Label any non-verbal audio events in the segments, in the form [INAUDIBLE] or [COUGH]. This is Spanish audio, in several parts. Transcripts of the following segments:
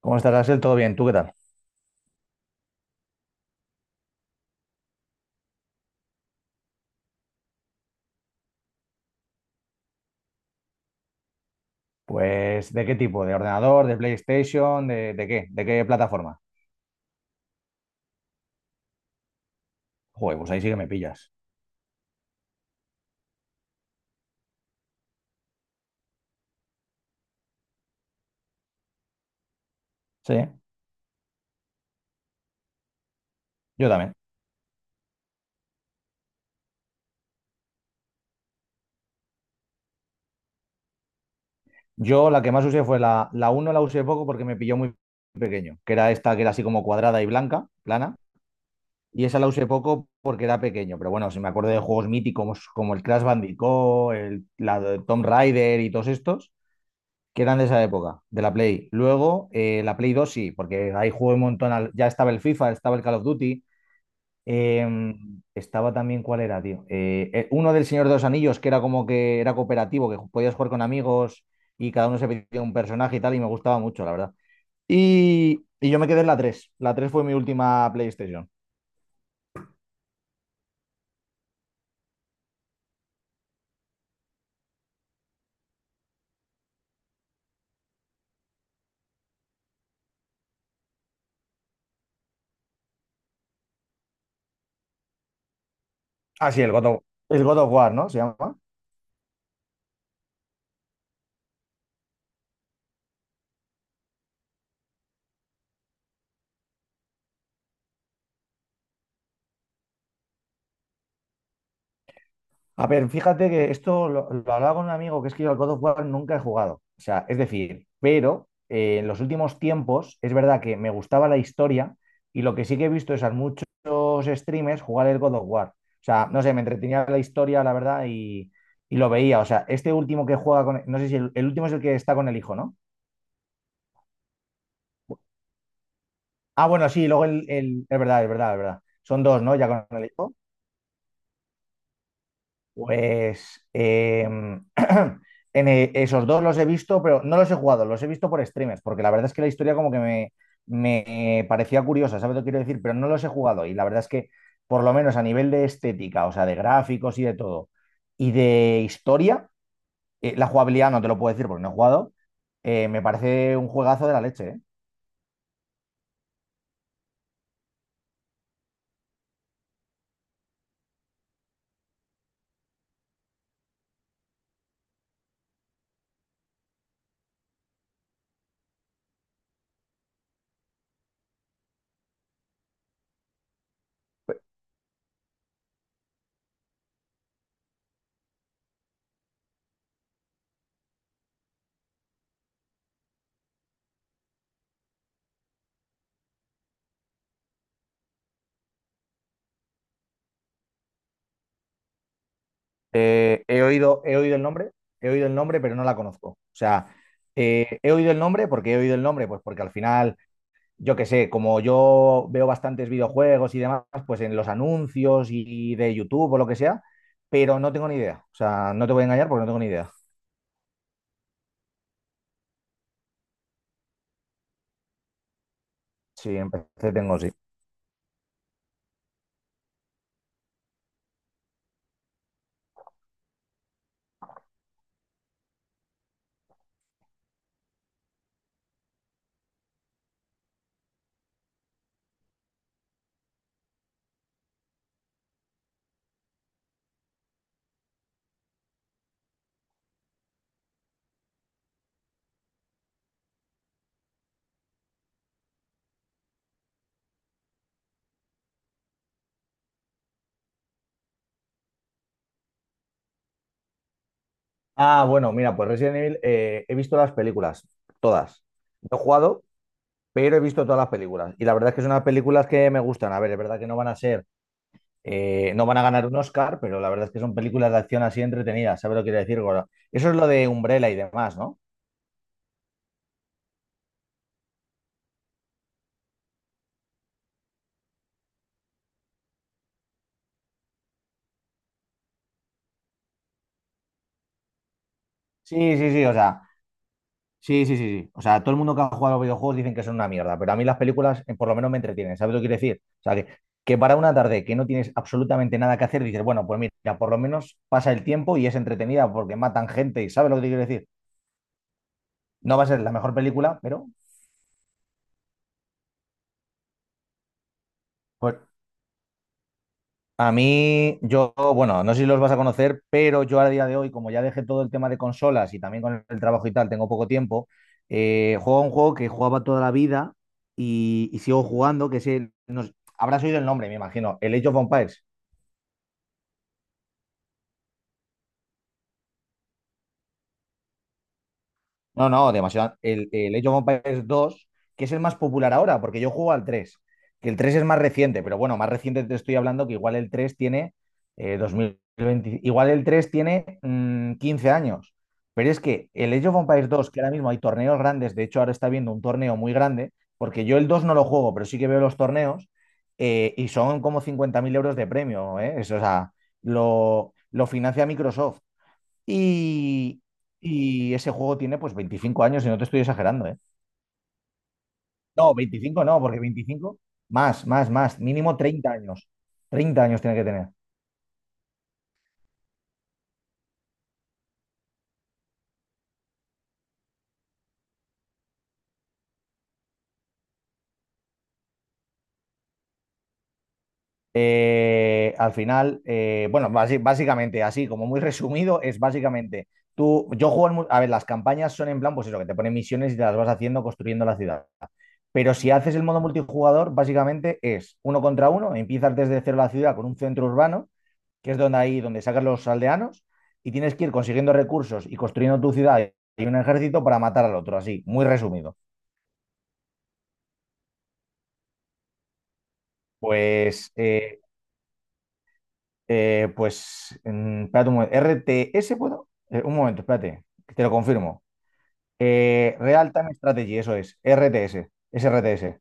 ¿Cómo estás, Axel? ¿Todo bien? ¿Tú qué tal? Pues, ¿de qué tipo? ¿De ordenador? ¿De PlayStation? ¿De qué? ¿De qué plataforma? Joder, pues ahí sí que me pillas. Sí, yo también. Yo la que más usé fue la uno. La usé poco porque me pilló muy pequeño, que era esta que era así como cuadrada y blanca, plana, y esa la usé poco porque era pequeño, pero bueno, si me acuerdo de juegos míticos como el Crash Bandicoot, el, la de Tomb Raider y todos estos, que eran de esa época, de la Play. Luego, la Play 2 sí, porque ahí jugué un montón. Ya estaba el FIFA, estaba el Call of Duty. Estaba también, ¿cuál era, tío? Uno del Señor de los Anillos, que era como que era cooperativo, que podías jugar con amigos y cada uno se pedía un personaje y tal, y me gustaba mucho, la verdad. Y yo me quedé en la tres. La 3 fue mi última PlayStation. Ah, sí, el God of War, ¿no? Se llama. A ver, fíjate que esto lo hablaba con un amigo, que es que yo al God of War nunca he jugado. O sea, es decir, pero en los últimos tiempos es verdad que me gustaba la historia, y lo que sí que he visto es a muchos streamers jugar el God of War. O sea, no sé, me entretenía la historia, la verdad, y lo veía. O sea, este último que juega con... No sé si el último es el que está con el hijo, ¿no? Ah, bueno, sí, luego es verdad, es verdad, es verdad. Son dos, ¿no? Ya con el hijo. Pues [CLEARS THROAT] esos dos los he visto, pero no los he jugado, los he visto por streamers, porque la verdad es que la historia como que me parecía curiosa. ¿Sabes lo que quiero decir? Pero no los he jugado y la verdad es que, por lo menos a nivel de estética, o sea, de gráficos y de todo, y de historia, la jugabilidad no te lo puedo decir porque no he jugado. Me parece un juegazo de la leche, ¿eh? Eh, he oído, he oído el nombre, he oído el nombre, pero no la conozco. O sea, he oído el nombre. ¿Porque he oído el nombre? Pues porque al final yo qué sé, como yo veo bastantes videojuegos y demás, pues en los anuncios y de YouTube o lo que sea, pero no tengo ni idea. O sea, no te voy a engañar porque no tengo ni idea. Sí, empecé, tengo, sí. Ah, bueno, mira, pues Resident Evil, he visto las películas, todas. No he jugado, pero he visto todas las películas. Y la verdad es que son unas películas que me gustan. A ver, es verdad que no van a ser, no van a ganar un Oscar, pero la verdad es que son películas de acción así entretenidas. ¿Sabes lo que quiero decir, Goro? Eso es lo de Umbrella y demás, ¿no? Sí, sí, sí, o sea, sí, sí, sí, sí. O sea, todo el mundo que ha jugado a los videojuegos dicen que son una mierda, pero a mí las películas, por lo menos me entretienen. ¿Sabes lo que quiero decir? O sea, que para una tarde que no tienes absolutamente nada que hacer, dices, bueno, pues mira, por lo menos pasa el tiempo y es entretenida porque matan gente. Y ¿sabes lo que te quiero decir? No va a ser la mejor película, pero pues... A mí, yo, bueno, no sé si los vas a conocer, pero yo a día de hoy, como ya dejé todo el tema de consolas y también con el trabajo y tal, tengo poco tiempo, juego a un juego que jugaba toda la vida y sigo jugando, que es el, no sé, habrás oído el nombre, me imagino, el Age of Empires. No, no, demasiado. El Age of Empires 2, que es el más popular ahora, porque yo juego al 3. Que el 3 es más reciente, pero bueno, más reciente te estoy hablando que igual el 3 tiene, 2020, igual el 3 tiene, 15 años. Pero es que el Age of Empires 2, que ahora mismo hay torneos grandes, de hecho ahora está viendo un torneo muy grande, porque yo el 2 no lo juego, pero sí que veo los torneos, y son como 50.000 euros de premio, ¿eh? Eso, o sea, lo financia Microsoft. Y, y ese juego tiene pues 25 años y no te estoy exagerando, ¿eh? No, 25 no, porque 25 más, más, más, mínimo 30 años. 30 años tiene que tener. Al final, bueno, básicamente, así como muy resumido, es básicamente, tú, yo juego, a ver, las campañas son en plan, pues eso, que te ponen misiones y te las vas haciendo construyendo la ciudad. Pero si haces el modo multijugador, básicamente es uno contra uno, empiezas desde cero la ciudad con un centro urbano, que es donde ahí donde sacan los aldeanos, y tienes que ir consiguiendo recursos y construyendo tu ciudad y un ejército para matar al otro, así, muy resumido. Pues, pues, espérate un momento, RTS, ¿puedo? Un momento, espérate, que te lo confirmo. Real Time Strategy, eso es, RTS, es RTS.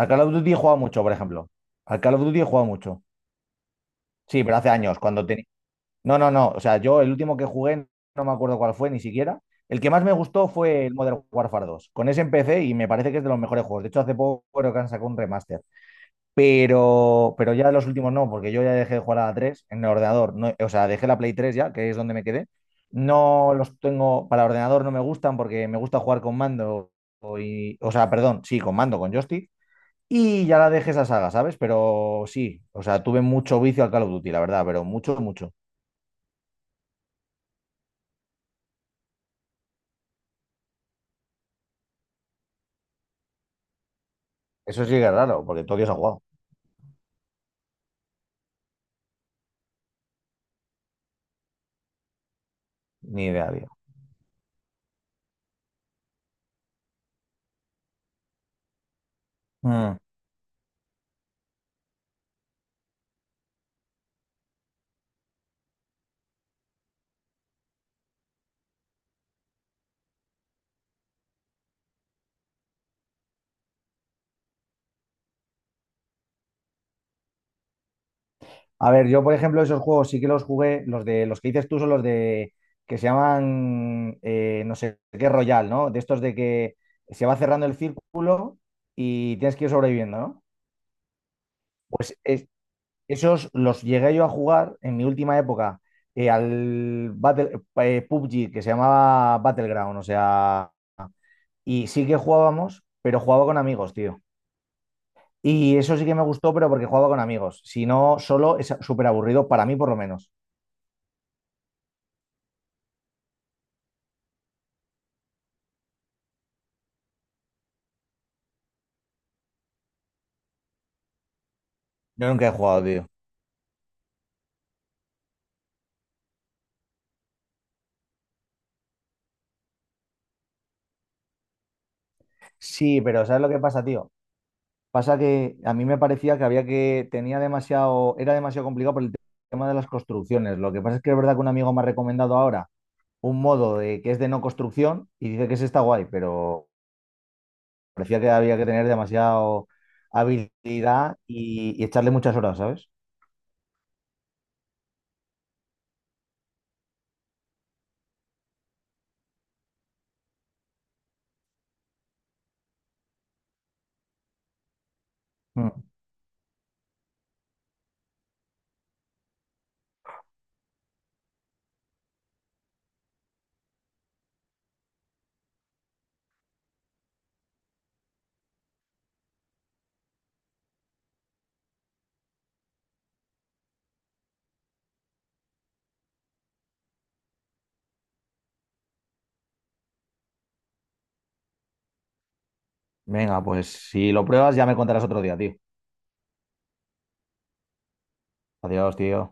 Al Call of Duty he jugado mucho, por ejemplo. Al Call of Duty he jugado mucho. Sí, pero hace años, cuando tenía... No, no, no. O sea, yo el último que jugué, no me acuerdo cuál fue ni siquiera. El que más me gustó fue el Modern Warfare 2. Con ese empecé y me parece que es de los mejores juegos. De hecho, hace poco creo que han sacado un remaster. Pero ya los últimos no, porque yo ya dejé de jugar a la 3 en el ordenador. No, o sea, dejé la Play 3 ya, que es donde me quedé. No los tengo para ordenador, no me gustan porque me gusta jugar con mando. Y, o sea, perdón, sí, con mando, con joystick. Y ya la dejé esa saga, ¿sabes? Pero sí, o sea, tuve mucho vicio al Call of Duty, la verdad, pero mucho, mucho. Eso sí que es raro, porque todo Dios ha jugado. Ni idea, tío. Mm. A ver, yo, por ejemplo, esos juegos sí que los jugué. Los de los que dices tú son los de que se llaman, no sé qué Royal, ¿no? De estos de que se va cerrando el círculo y tienes que ir sobreviviendo, ¿no? Pues esos los llegué yo a jugar en mi última época, al PUBG, que se llamaba Battleground, o sea, y sí que jugábamos, pero jugaba con amigos, tío. Y eso sí que me gustó, pero porque jugaba con amigos. Si no, solo es súper aburrido, para mí por lo menos. Yo nunca he jugado, tío. Sí, pero ¿sabes lo que pasa, tío? Pasa que a mí me parecía que había que, tenía demasiado, era demasiado complicado por el tema de las construcciones. Lo que pasa es que es verdad que un amigo me ha recomendado ahora un modo de, que es de no construcción, y dice que ese está guay, pero parecía que había que tener demasiado habilidad y echarle muchas horas, ¿sabes? Mm. Venga, pues si lo pruebas ya me contarás otro día, tío. Adiós, tío.